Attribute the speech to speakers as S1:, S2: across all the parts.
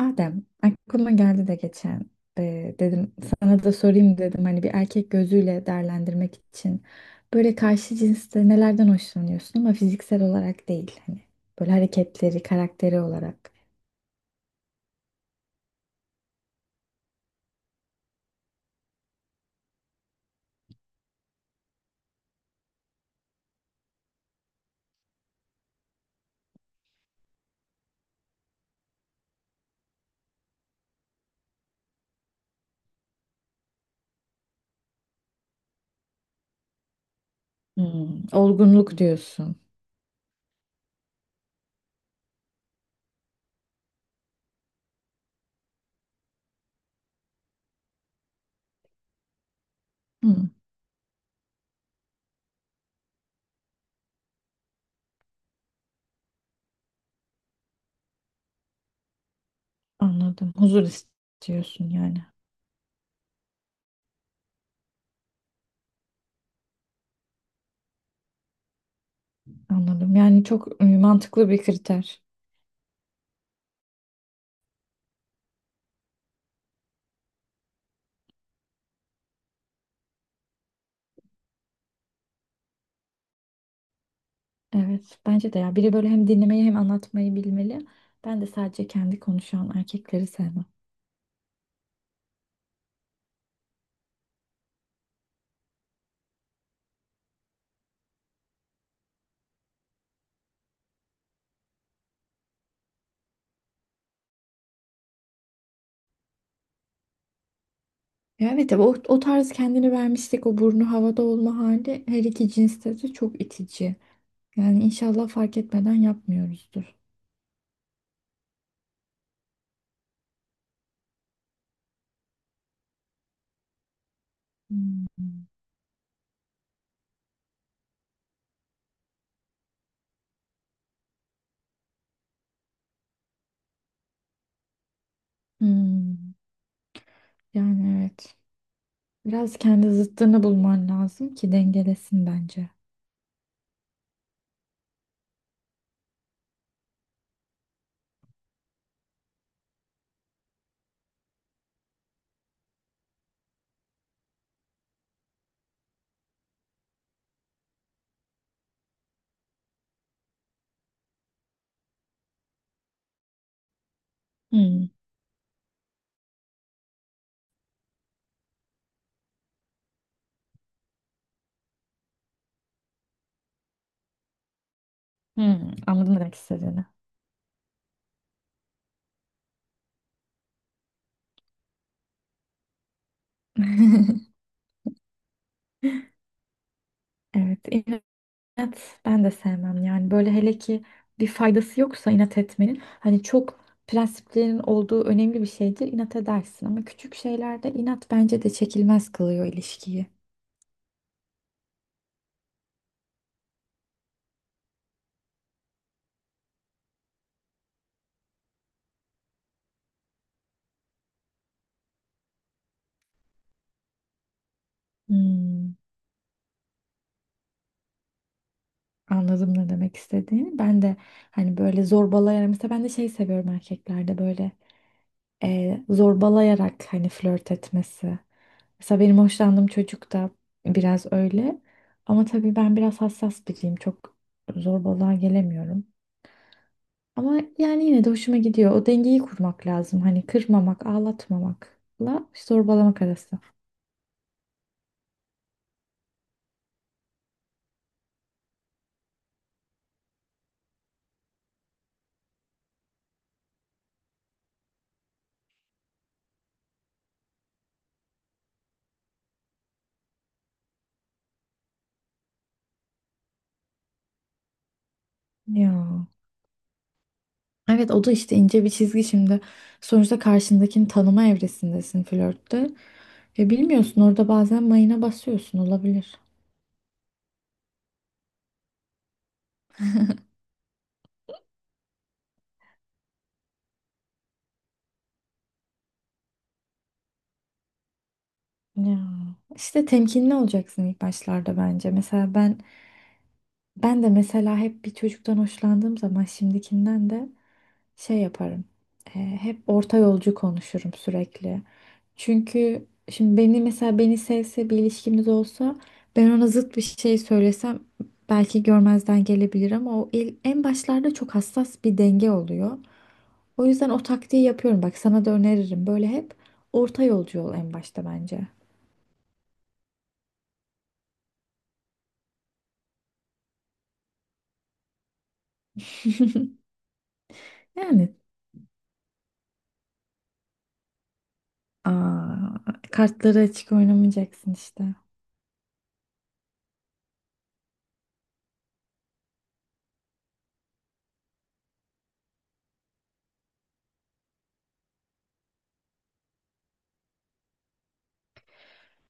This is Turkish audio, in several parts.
S1: Adem, aklıma geldi de geçen dedim sana da sorayım dedim hani bir erkek gözüyle değerlendirmek için böyle karşı cinste nelerden hoşlanıyorsun ama fiziksel olarak değil hani böyle hareketleri, karakteri olarak. Hmm, olgunluk diyorsun. Hmm, anladım. Huzur istiyorsun yani. Anladım. Yani çok mantıklı bir kriter. Evet, bence de ya biri böyle hem dinlemeyi hem anlatmayı bilmeli. Ben de sadece kendi konuşan erkekleri sevmem. Ya evet, tabii o, o tarz kendini vermiştik, o burnu havada olma hali her iki cinste de çok itici. Yani inşallah fark etmeden yapmıyoruzdur. Hmm. Hmm, yani evet. Biraz kendi zıttını bulman lazım ki dengelesin bence. Hmm, hmm, anladım ne demek istediğini. Evet. Evet, ben de sevmem yani böyle hele ki bir faydası yoksa inat etmenin, hani çok prensiplerin olduğu önemli bir şeydir, inat edersin, ama küçük şeylerde inat bence de çekilmez kılıyor ilişkiyi. Hmm, anladım ne demek istediğini. Ben de hani böyle zorbalayarak, mesela ben de şey seviyorum erkeklerde, böyle zorbalayarak hani flört etmesi. Mesela benim hoşlandığım çocuk da biraz öyle. Ama tabii ben biraz hassas biriyim. Çok zorbalığa gelemiyorum. Ama yani yine de hoşuma gidiyor. O dengeyi kurmak lazım. Hani kırmamak, ağlatmamakla zorbalamak arası. Ya. Evet, o da işte ince bir çizgi şimdi. Sonuçta karşındakini tanıma evresindesin flörtte. Ve bilmiyorsun, orada bazen mayına basıyorsun, olabilir. Ya işte temkinli olacaksın ilk başlarda bence. Mesela ben ben de mesela hep bir çocuktan hoşlandığım zaman şimdikinden de şey yaparım. Hep orta yolcu konuşurum sürekli. Çünkü şimdi beni mesela, beni sevse bir ilişkimiz olsa, ben ona zıt bir şey söylesem belki görmezden gelebilir, ama en başlarda çok hassas bir denge oluyor. O yüzden o taktiği yapıyorum. Bak sana da öneririm. Böyle hep orta yolcu ol en başta bence. Yani. Aa, kartları açık oynamayacaksın işte.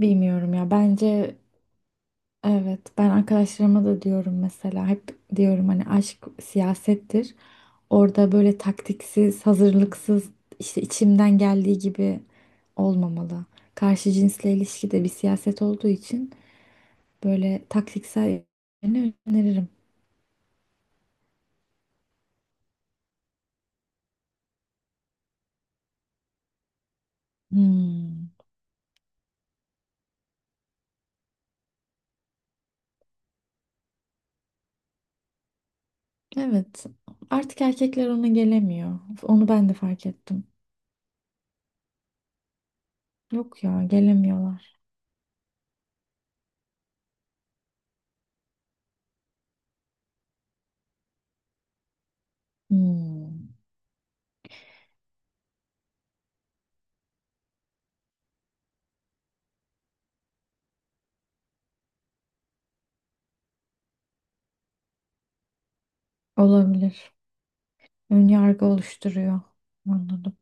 S1: Bilmiyorum ya. Bence evet. Ben arkadaşlarıma da diyorum mesela. Hep diyorum hani aşk siyasettir. Orada böyle taktiksiz, hazırlıksız, işte içimden geldiği gibi olmamalı. Karşı cinsle ilişki de bir siyaset olduğu için böyle taktiksel yönünü öneririm. Hmm. Evet. Artık erkekler ona gelemiyor. Onu ben de fark ettim. Yok ya, gelemiyorlar. Hmm. Olabilir. Ön yargı oluşturuyor. Anladım.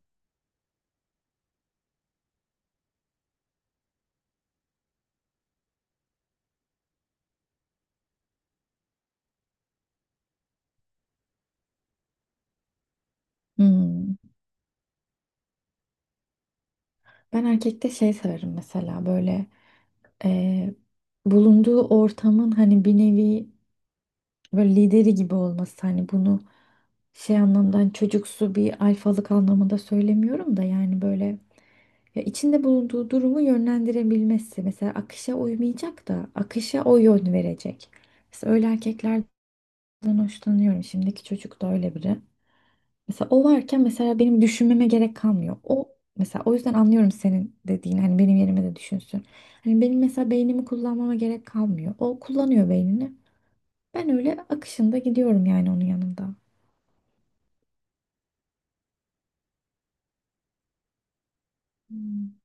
S1: Hmm. Ben erkekte şey severim, mesela böyle e, bulunduğu ortamın hani bir nevi böyle lideri gibi olması, hani bunu şey anlamdan, çocuksu bir alfalık anlamında söylemiyorum da, yani böyle ya içinde bulunduğu durumu yönlendirebilmesi, mesela akışa uymayacak da akışa o yön verecek. Mesela öyle erkeklerden hoşlanıyorum. Şimdiki çocuk da öyle biri. Mesela o varken mesela benim düşünmeme gerek kalmıyor. O mesela, o yüzden anlıyorum senin dediğin hani benim yerime de düşünsün. Hani benim mesela beynimi kullanmama gerek kalmıyor. O kullanıyor beynini. Ben öyle akışında gidiyorum yani onun yanında. Hmm.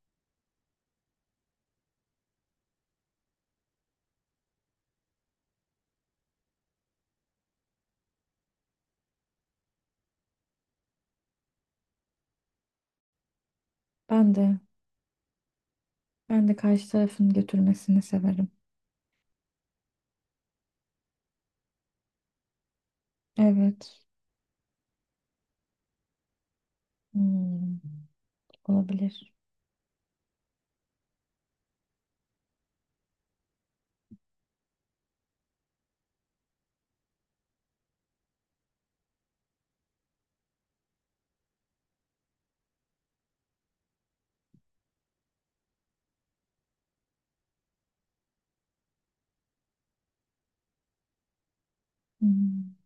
S1: Ben de ben de karşı tarafın götürmesini severim. Evet. Hmm. Olabilir. Hmm.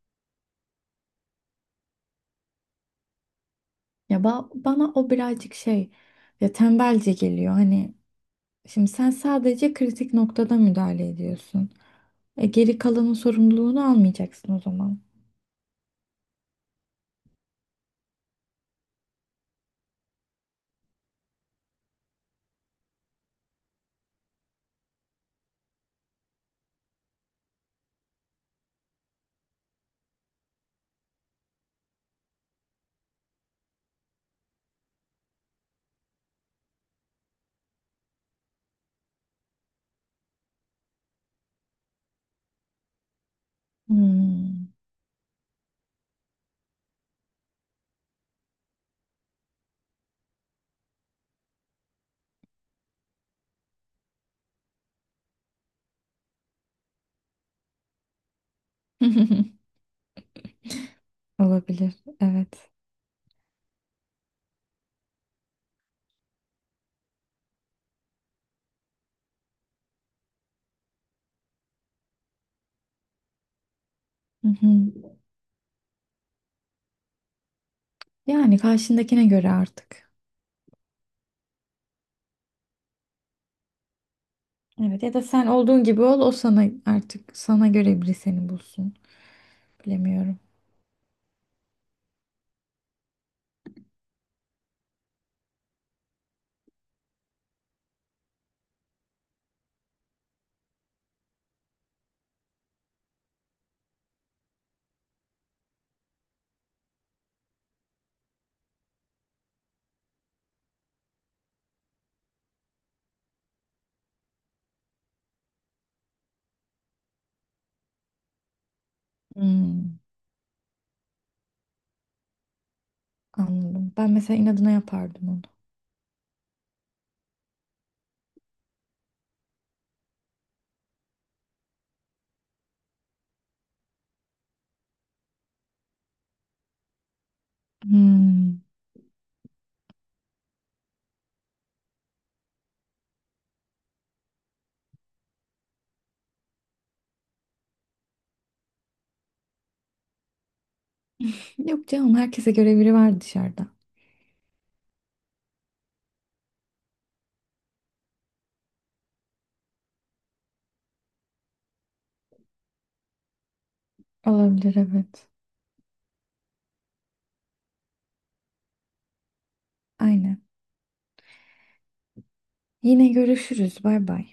S1: Ya ba- bana o birazcık şey, ya tembelce geliyor. Hani şimdi sen sadece kritik noktada müdahale ediyorsun. Geri kalanın sorumluluğunu almayacaksın o zaman. Hmm. Olabilir. Evet. Hı hı. Yani karşındakine göre artık. Evet, ya da sen olduğun gibi ol, o sana artık, sana göre biri seni bulsun. Bilemiyorum. Hmm. Anladım. Ben mesela inadına yapardım onu. Hmm. Yok canım, herkese göre biri var dışarıda. Olabilir, evet. Aynen. Yine görüşürüz. Bay bay.